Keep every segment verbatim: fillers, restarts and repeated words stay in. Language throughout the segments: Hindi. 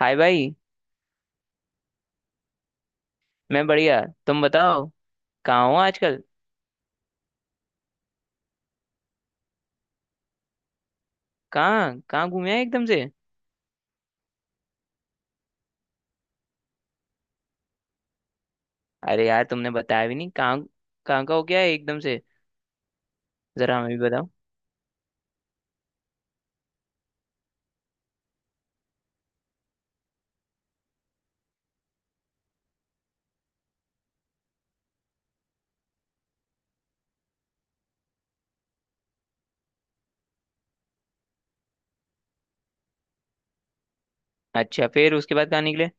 हाय भाई। मैं बढ़िया। तुम बताओ कहाँ हो आजकल। कहाँ कहाँ घूमे हैं एकदम से। अरे यार तुमने बताया भी नहीं, कहाँ कहाँ का हो गया है एकदम से, जरा हमें भी बताओ। अच्छा, फिर उसके बाद कहाँ निकले।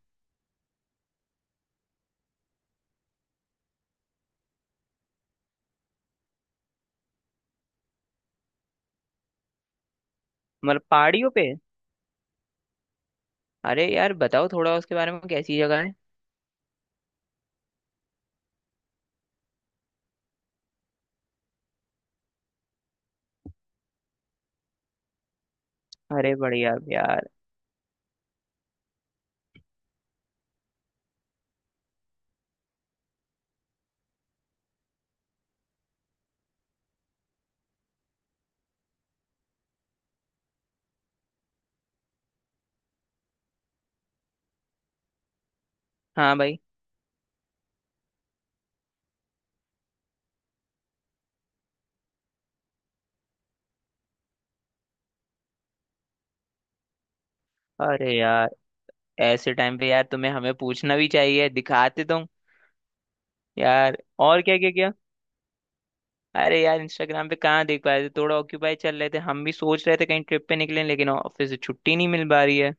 मतलब पहाड़ियों पे। अरे यार बताओ थोड़ा उसके बारे में, कैसी जगह है। अरे बढ़िया यार। हाँ भाई। अरे यार ऐसे टाइम पे यार तुम्हें हमें पूछना भी चाहिए, दिखाते तुम। यार, और क्या क्या क्या। अरे यार इंस्टाग्राम पे कहाँ देख पा रहे थे, थोड़ा ऑक्यूपाई चल रहे थे। हम भी सोच रहे थे कहीं ट्रिप पे निकलें लेकिन ऑफिस से छुट्टी नहीं मिल पा रही है।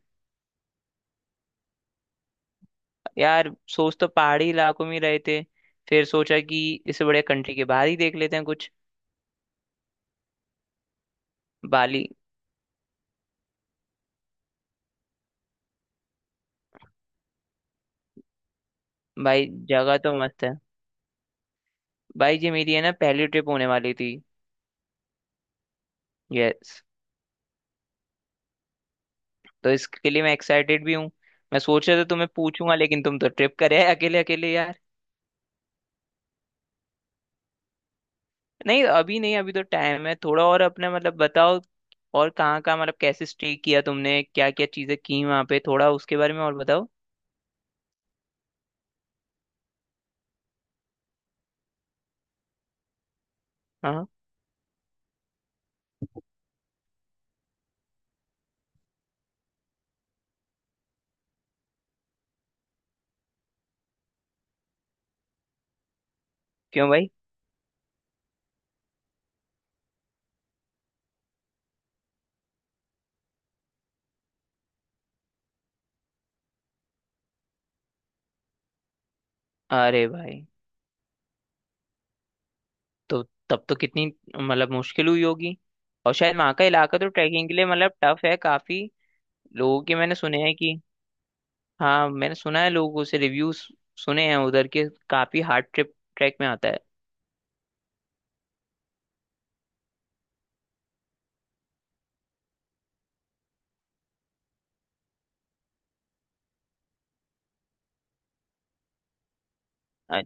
यार सोच तो पहाड़ी इलाकों में ही रहे थे, फिर सोचा कि इससे बढ़िया कंट्री के बाहर ही देख लेते हैं कुछ। बाली। भाई जगह तो मस्त है। भाई ये मेरी है ना पहली ट्रिप होने वाली थी। यस। तो इसके लिए मैं एक्साइटेड भी हूँ। मैं सोच रहा था तुम्हें पूछूंगा, लेकिन तुम तो ट्रिप करे अकेले अकेले यार। नहीं, अभी नहीं, अभी तो टाइम है थोड़ा और, अपना मतलब बताओ। और कहाँ कहाँ मतलब कैसे स्टे किया तुमने, क्या क्या चीजें की वहां पे, थोड़ा उसके बारे में और बताओ। हाँ। क्यों भाई। अरे भाई। तो तब तो कितनी मतलब मुश्किल हुई होगी। और शायद वहाँ का इलाका तो ट्रैकिंग के लिए मतलब टफ है काफी। लोगों के मैंने सुने हैं कि, हाँ मैंने सुना है, लोगों से रिव्यूज सुने हैं उधर के। काफी हार्ड ट्रिप ट्रैक में आता है। अ-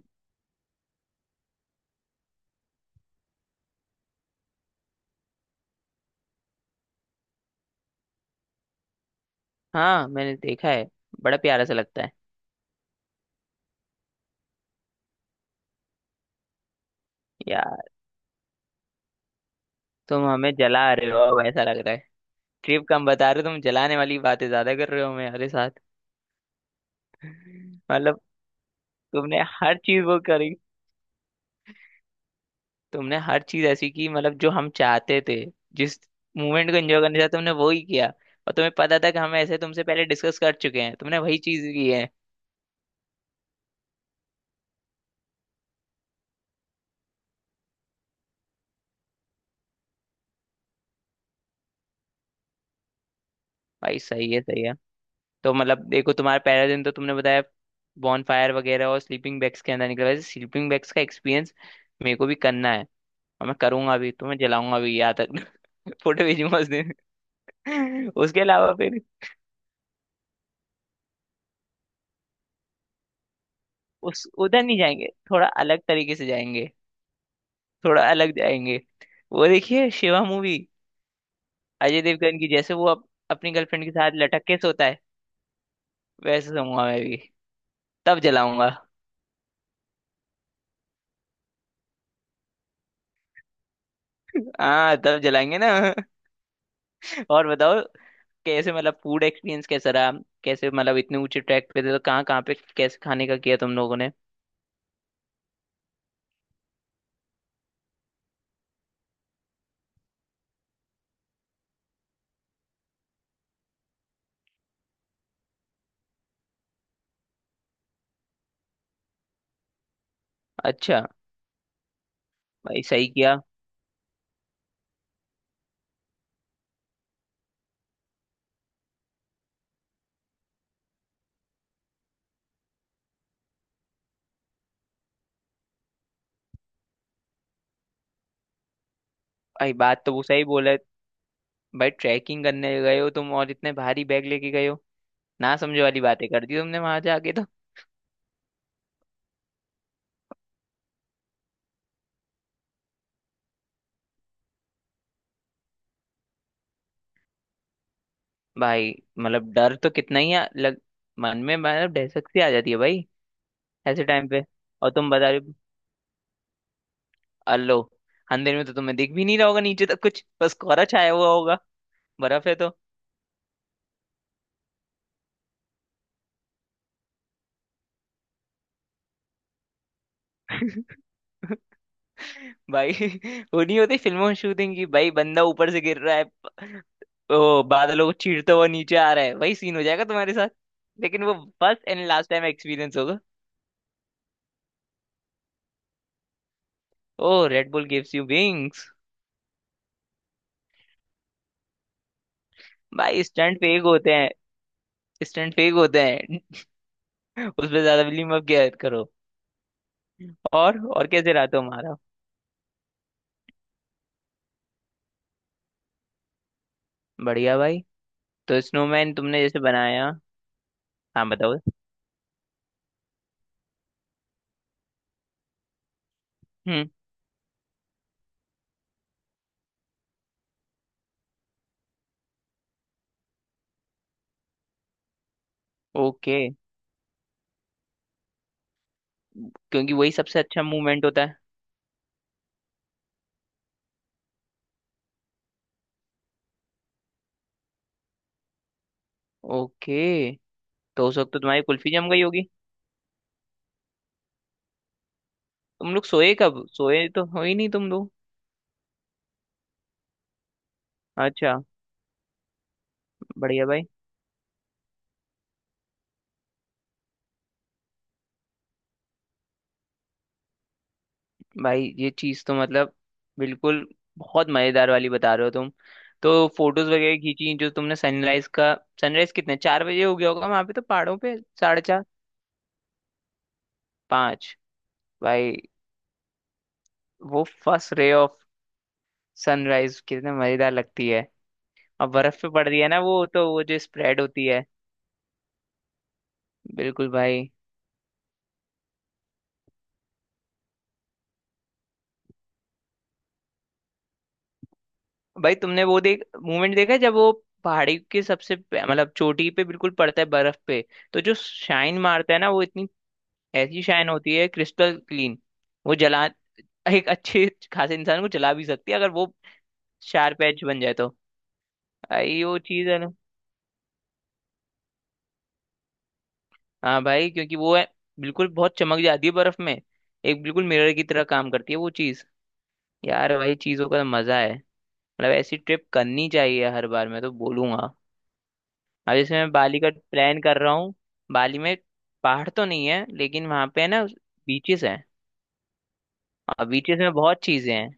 हाँ मैंने देखा है, बड़ा प्यारा सा लगता है। यार तुम हमें जला रहे हो अब, ऐसा लग रहा है। ट्रिप कम बता रहे हो, तुम जलाने वाली बातें ज्यादा कर रहे हो हमारे साथ। मतलब तुमने हर चीज वो करी। तुमने हर चीज ऐसी की मतलब, जो हम चाहते थे, जिस मूवमेंट को एंजॉय करना चाहते तुमने वो ही किया। और तुम्हें पता था कि हम ऐसे तुमसे पहले डिस्कस कर चुके हैं, तुमने वही चीज की है। भाई सही है, सही है। तो मतलब देखो तुम्हारा पहला दिन तो तुमने बताया, बॉन फायर वगैरह और स्लीपिंग बैग्स के अंदर निकला। वैसे स्लीपिंग बैग्स का एक्सपीरियंस मेरे को भी करना है। और मैं करूंगा भी, तुम्हें जलाऊंगा भी यहाँ तक। फोटो भेजूंगा उस दिन। उसके अलावा फिर उस उधर नहीं जाएंगे, थोड़ा अलग तरीके से जाएंगे। थोड़ा अलग जाएंगे। वो देखिए शिवा मूवी, अजय देवगन की। जैसे वो अप, अपनी गर्लफ्रेंड के साथ लटक के सोता है, वैसे सोऊंगा मैं भी। तब जलाऊंगा। हाँ तब जलाएंगे ना। और बताओ, कैसे मतलब फूड एक्सपीरियंस कैसा रहा। कैसे मतलब इतने ऊंचे ट्रैक पे थे तो कहाँ कहाँ पे कैसे खाने का किया तुम लोगों ने। अच्छा। भाई सही किया। भाई बात तो वो सही बोला है। भाई ट्रैकिंग करने गए हो तुम और इतने भारी बैग लेके गए हो, ना समझे वाली बातें कर दी तुमने वहां जाके तो। भाई मतलब डर तो कितना ही आ, लग मन में मतलब दहशत सी आ जाती है भाई। ऐसे टाइम पे, और तुम बता रहे हो, अल्लो अंधेरे में तो तुम्हें दिख भी नहीं रहा होगा नीचे तक कुछ, बस कोहरा छाया हुआ होगा। बर्फ है तो। भाई वो नहीं होती फिल्मों में शूटिंग की, भाई बंदा ऊपर से गिर रहा है, ओ बादलों को चीरता हुआ नीचे आ रहा है, वही सीन हो जाएगा तुम्हारे साथ। लेकिन वो first and last time experience होगा। Oh, red bull gives you wings. भाई स्टंट फेक होते हैं। स्टंट फेक होते हैं। उसमें ज्यादा बिलीव मत किया करो। और और कैसे रहा तुम्हारा। बढ़िया भाई। तो स्नोमैन तुमने जैसे बनाया। हाँ बताओ। हम्म। ओके, क्योंकि वही सबसे अच्छा मूवमेंट होता है। ओके। तो उस वक्त तो तुम्हारी कुल्फी जम गई होगी। तुम लोग सोए कब, सोए तो हो ही नहीं तुम लोग। अच्छा। बढ़िया भाई। भाई ये चीज़ तो मतलब बिल्कुल बहुत मज़ेदार वाली बता रहे हो तुम। तो फोटोज वगैरह खींची जो तुमने सनराइज का। सनराइज कितने, चार बजे हो गया होगा वहां पे तो, पहाड़ों पे साढ़े चार। पाँच। भाई वो फर्स्ट रे ऑफ सनराइज कितने मज़ेदार लगती है। और बर्फ पे पड़ रही है ना वो तो, वो जो स्प्रेड होती है। बिल्कुल भाई। भाई तुमने वो देख मूवमेंट देखा है जब वो पहाड़ी के सबसे पे- मतलब चोटी पे बिल्कुल पड़ता है बर्फ पे, तो जो शाइन मारता है ना वो इतनी, ऐसी शाइन होती है क्रिस्टल क्लीन। वो जला एक अच्छे खासे इंसान को जला भी सकती है अगर वो शार्प एज बन जाए तो। भाई वो चीज है ना। हाँ भाई क्योंकि वो है बिल्कुल, बहुत चमक जाती है बर्फ में, एक बिल्कुल मिरर की तरह काम करती है वो चीज। यार भाई चीजों का मजा है, मतलब ऐसी ट्रिप करनी चाहिए हर बार मैं तो बोलूंगा। अब जैसे मैं बाली का प्लान कर रहा हूँ। बाली में पहाड़ तो नहीं है लेकिन वहां पे है ना बीचेस हैं। और बीचेस में बहुत चीजें हैं,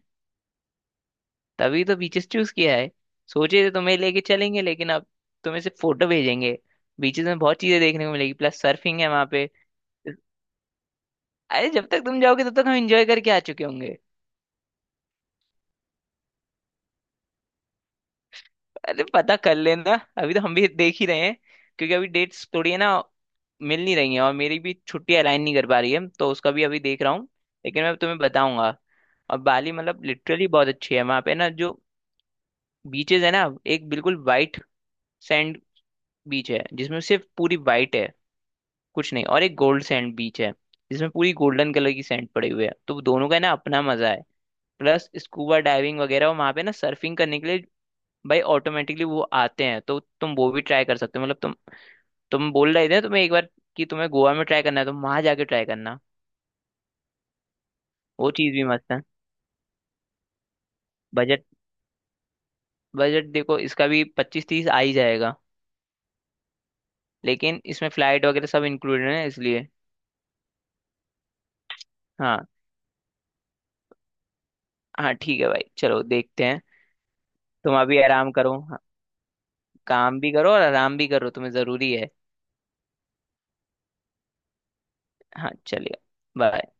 तभी तो बीचेस चूज किया है। सोचे थे तुम्हें लेके चलेंगे लेकिन अब तुम्हें सिर्फ फोटो भेजेंगे। बीचेस में बहुत चीजें देखने को मिलेगी, प्लस सर्फिंग है वहां पे। अरे जब तक तुम जाओगे तब तक हम एंजॉय करके आ चुके होंगे। अरे पता कर लेना, अभी तो हम भी देख ही रहे हैं। क्योंकि अभी डेट्स थोड़ी है ना, मिल नहीं रही है और मेरी भी छुट्टी अलाइन नहीं कर पा रही है तो उसका भी अभी देख रहा हूँ। लेकिन मैं तुम्हें बताऊंगा। और बाली मतलब लिटरली बहुत अच्छी है, वहां पे ना जो बीचेस है ना, एक बिल्कुल वाइट सैंड बीच है जिसमें सिर्फ पूरी वाइट है कुछ नहीं, और एक गोल्ड सैंड बीच है जिसमें पूरी गोल्डन कलर की सैंड पड़ी हुई है तो वो दोनों का ना अपना मजा है। प्लस स्कूबा डाइविंग वगैरह, और वहां पे ना सर्फिंग करने के लिए भाई ऑटोमेटिकली वो आते हैं तो तुम वो भी ट्राई कर सकते हो। मतलब तुम तुम बोल रहे थे ना तुम्हें एक बार कि तुम्हें गोवा में ट्राई करना है तो वहां जाके ट्राई करना। वो चीज़ भी मस्त है। बजट। बजट देखो इसका भी पच्चीस तीस आ ही जाएगा, लेकिन इसमें फ्लाइट वगैरह सब इंक्लूडेड है इसलिए। हाँ। हाँ ठीक है भाई चलो देखते हैं। तुम अभी आराम करो हाँ, काम भी करो और आराम भी करो तुम्हें ज़रूरी है। हाँ चलिए। बाय।